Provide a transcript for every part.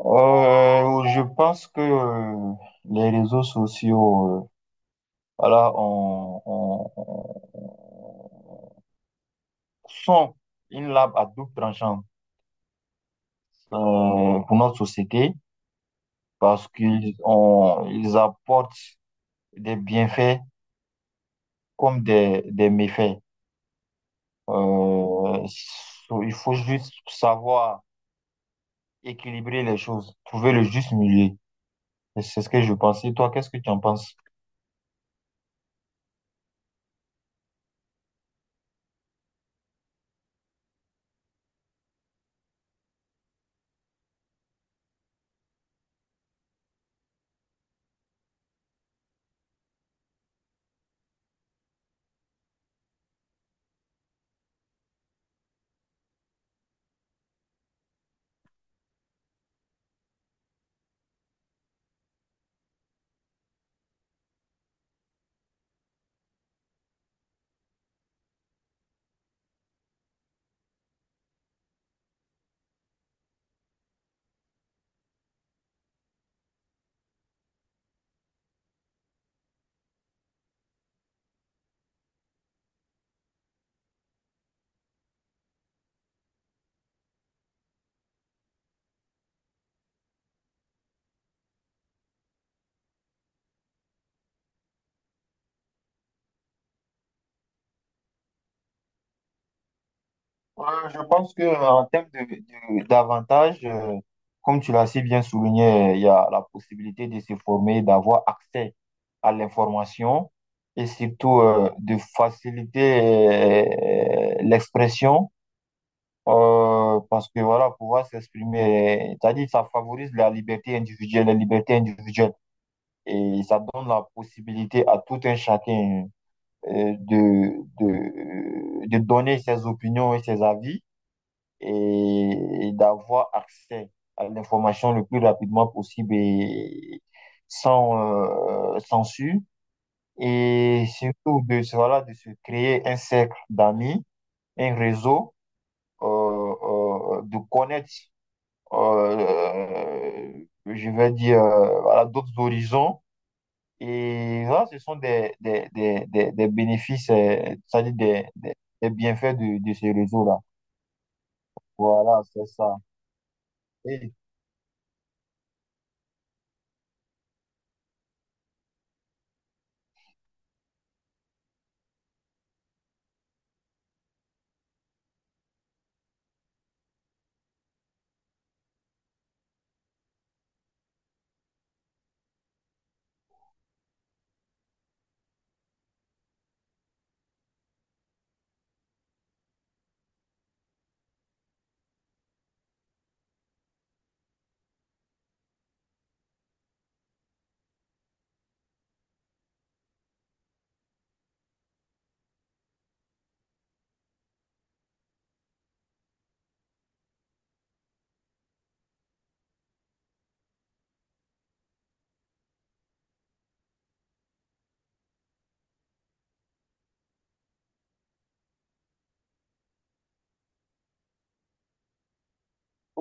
Je pense que les réseaux sociaux, voilà, sont une lame à double tranchant pour notre société parce qu'ils ont, ils apportent des bienfaits comme des méfaits. Euh, il faut juste savoir équilibrer les choses, trouver le juste milieu. Et c'est ce que je pense. Et toi, qu'est-ce que tu en penses? Je pense que en termes d'avantages, comme tu l'as si bien souligné, il y a la possibilité de se former, d'avoir accès à l'information et surtout de faciliter l'expression parce que voilà, pouvoir s'exprimer, c'est-à-dire ça favorise la liberté individuelle et ça donne la possibilité à tout un chacun euh, de, de donner ses opinions et ses avis et d'avoir accès à l'information le plus rapidement possible et sans censure. Et surtout de, voilà, de se créer un cercle d'amis, un réseau, euh, de connaître, je vais dire, voilà, d'autres horizons. Et voilà, ce sont des bénéfices, c'est-à-dire des bienfaits de ce réseau-là. Voilà, c'est ça. Et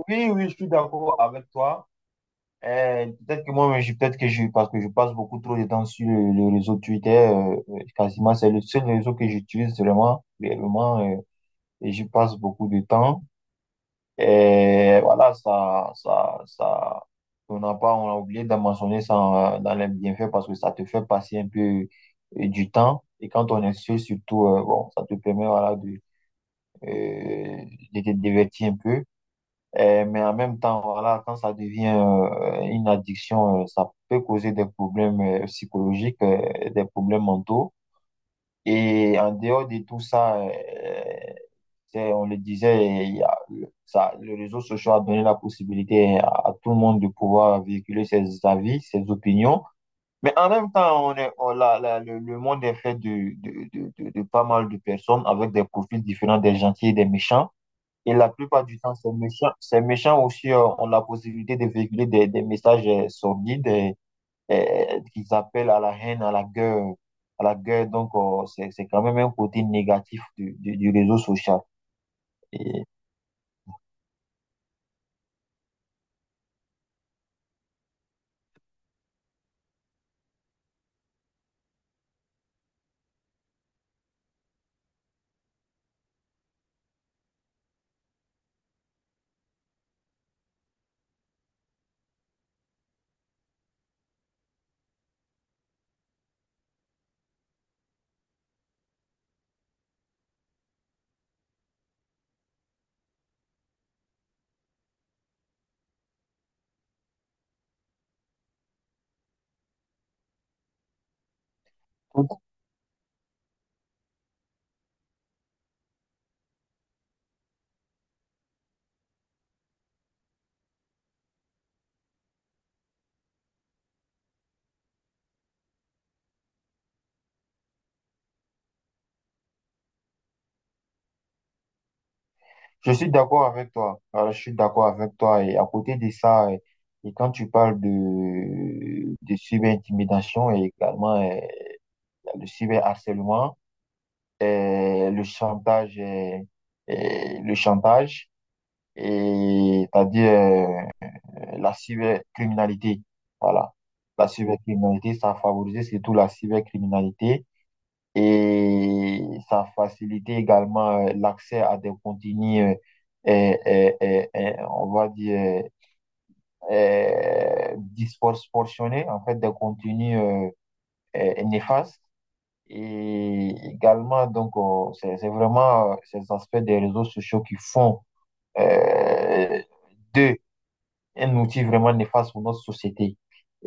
Oui, oui, je suis d'accord avec toi. Peut-être que je, parce que je passe beaucoup trop de temps sur le réseau Twitter, quasiment, c'est le seul réseau que j'utilise vraiment, réellement, et j'y passe beaucoup de temps. Et voilà, on n'a pas, on a oublié d'en mentionner ça dans les bienfaits parce que ça te fait passer un peu du temps. Et quand on est seul, surtout, bon, ça te permet, voilà, euh, de te divertir un peu. Mais en même temps, voilà, quand ça devient une addiction, ça peut causer des problèmes psychologiques, des problèmes mentaux. Et en dehors de tout ça, on le disait, il y a- ça, le réseau social a donné la possibilité à tout le monde de pouvoir véhiculer ses avis, ses opinions. Mais en même temps, on est, on- la- la- le monde est fait de pas mal de personnes avec des profils différents, des gentils et des méchants. Et la plupart du temps, ces méchants aussi ont la possibilité de véhiculer des messages sordides qu'ils appellent à la haine, à la guerre, à la guerre. Donc, c'est quand même un côté négatif du réseau social. Et donc, je suis d'accord avec toi. Je suis d'accord avec toi. Et à côté de ça, et quand tu parles de cyber-intimidation et également le cyber-harcèlement, euh, le chantage, euh, le chantage. Et c'est-à-dire la cybercriminalité. Voilà. La cybercriminalité, ça a favorisé surtout la cybercriminalité et ça a facilité également l'accès à des contenus, on va dire, disproportionnés, en fait, des contenus néfastes. Et également, donc, c'est vraiment ces aspects des réseaux sociaux qui font euh, d'eux un outil vraiment néfaste pour notre société.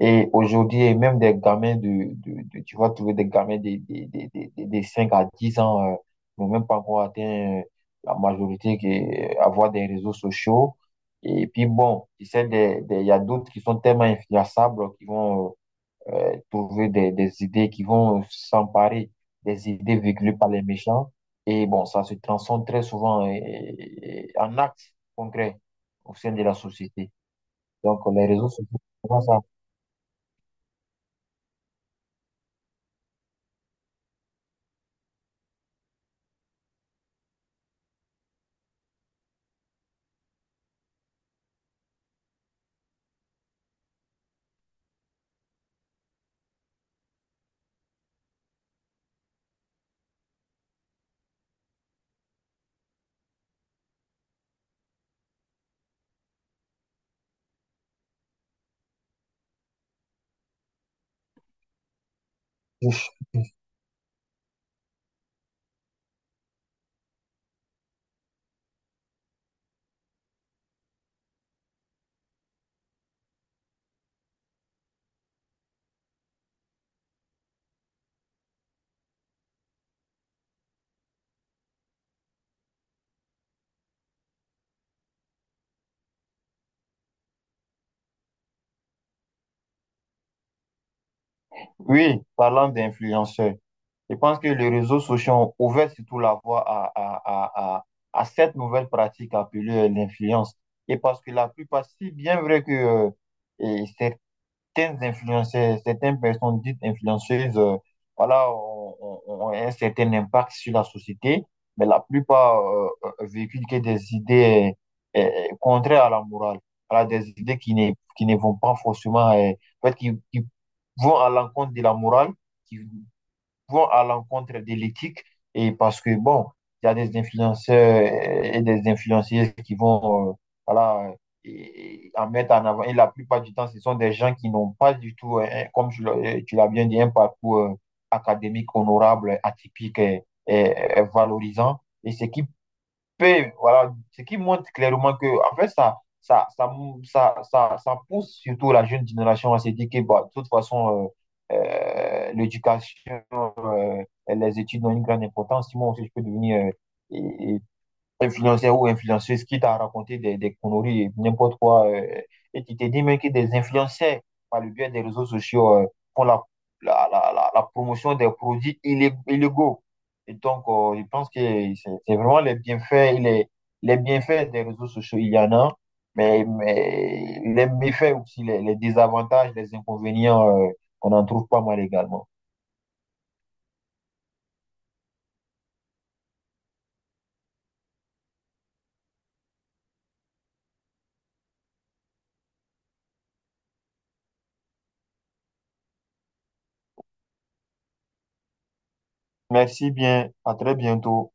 Et aujourd'hui, et même des gamins tu vas trouver des gamins 5 à 10 ans, n'ont même pas encore atteint la majorité, qui est avoir des réseaux sociaux. Et puis bon, tu sais, il y a d'autres qui sont tellement influençables qui vont trouver des idées, qui vont s'emparer des idées véhiculées par les méchants. Et bon, ça se transforme très souvent en actes concrets au sein de la société. Donc, les réseaux sociaux, c'est pas ça. Oui, parlant d'influenceurs, je pense que les réseaux sociaux ont ouvert surtout la voie à cette nouvelle pratique appelée l'influence. Et parce que la plupart, si bien vrai que et c'est influenceurs, certaines personnes dites influenceuses, voilà, ont un certain impact sur la société, mais la plupart véhiculent que des idées contraires à la morale, voilà, des idées qui ne vont pas forcément, en fait, qui vont à l'encontre de la morale, qui, vont à l'encontre de l'éthique et parce que, bon, il y a des influenceurs et des influenceuses qui vont, voilà, et en mettre en avant. Et la plupart du temps, ce sont des gens qui n'ont pas du tout, comme tu l'as tu l'as bien dit, un parcours académique honorable, atypique et valorisant. Et voilà, ce qui montre clairement que, en fait, ça, mou- ça pousse surtout la jeune génération à se dire que, bah, de toute façon, l'éducation les études ont une grande importance. Si moi aussi, je peux devenir euh, influenceur ou influenceuse qui t'a raconté des conneries, et n'importe quoi. Et tu te dis même que des influenceurs, par le biais des réseaux sociaux, font la promotion des produits illégaux. Et donc, je pense que c'est vraiment les bienfaits, les bienfaits des réseaux sociaux, il y en a, mais les méfaits aussi, les désavantages, les inconvénients, qu'on en trouve pas mal également. Merci bien, à très bientôt.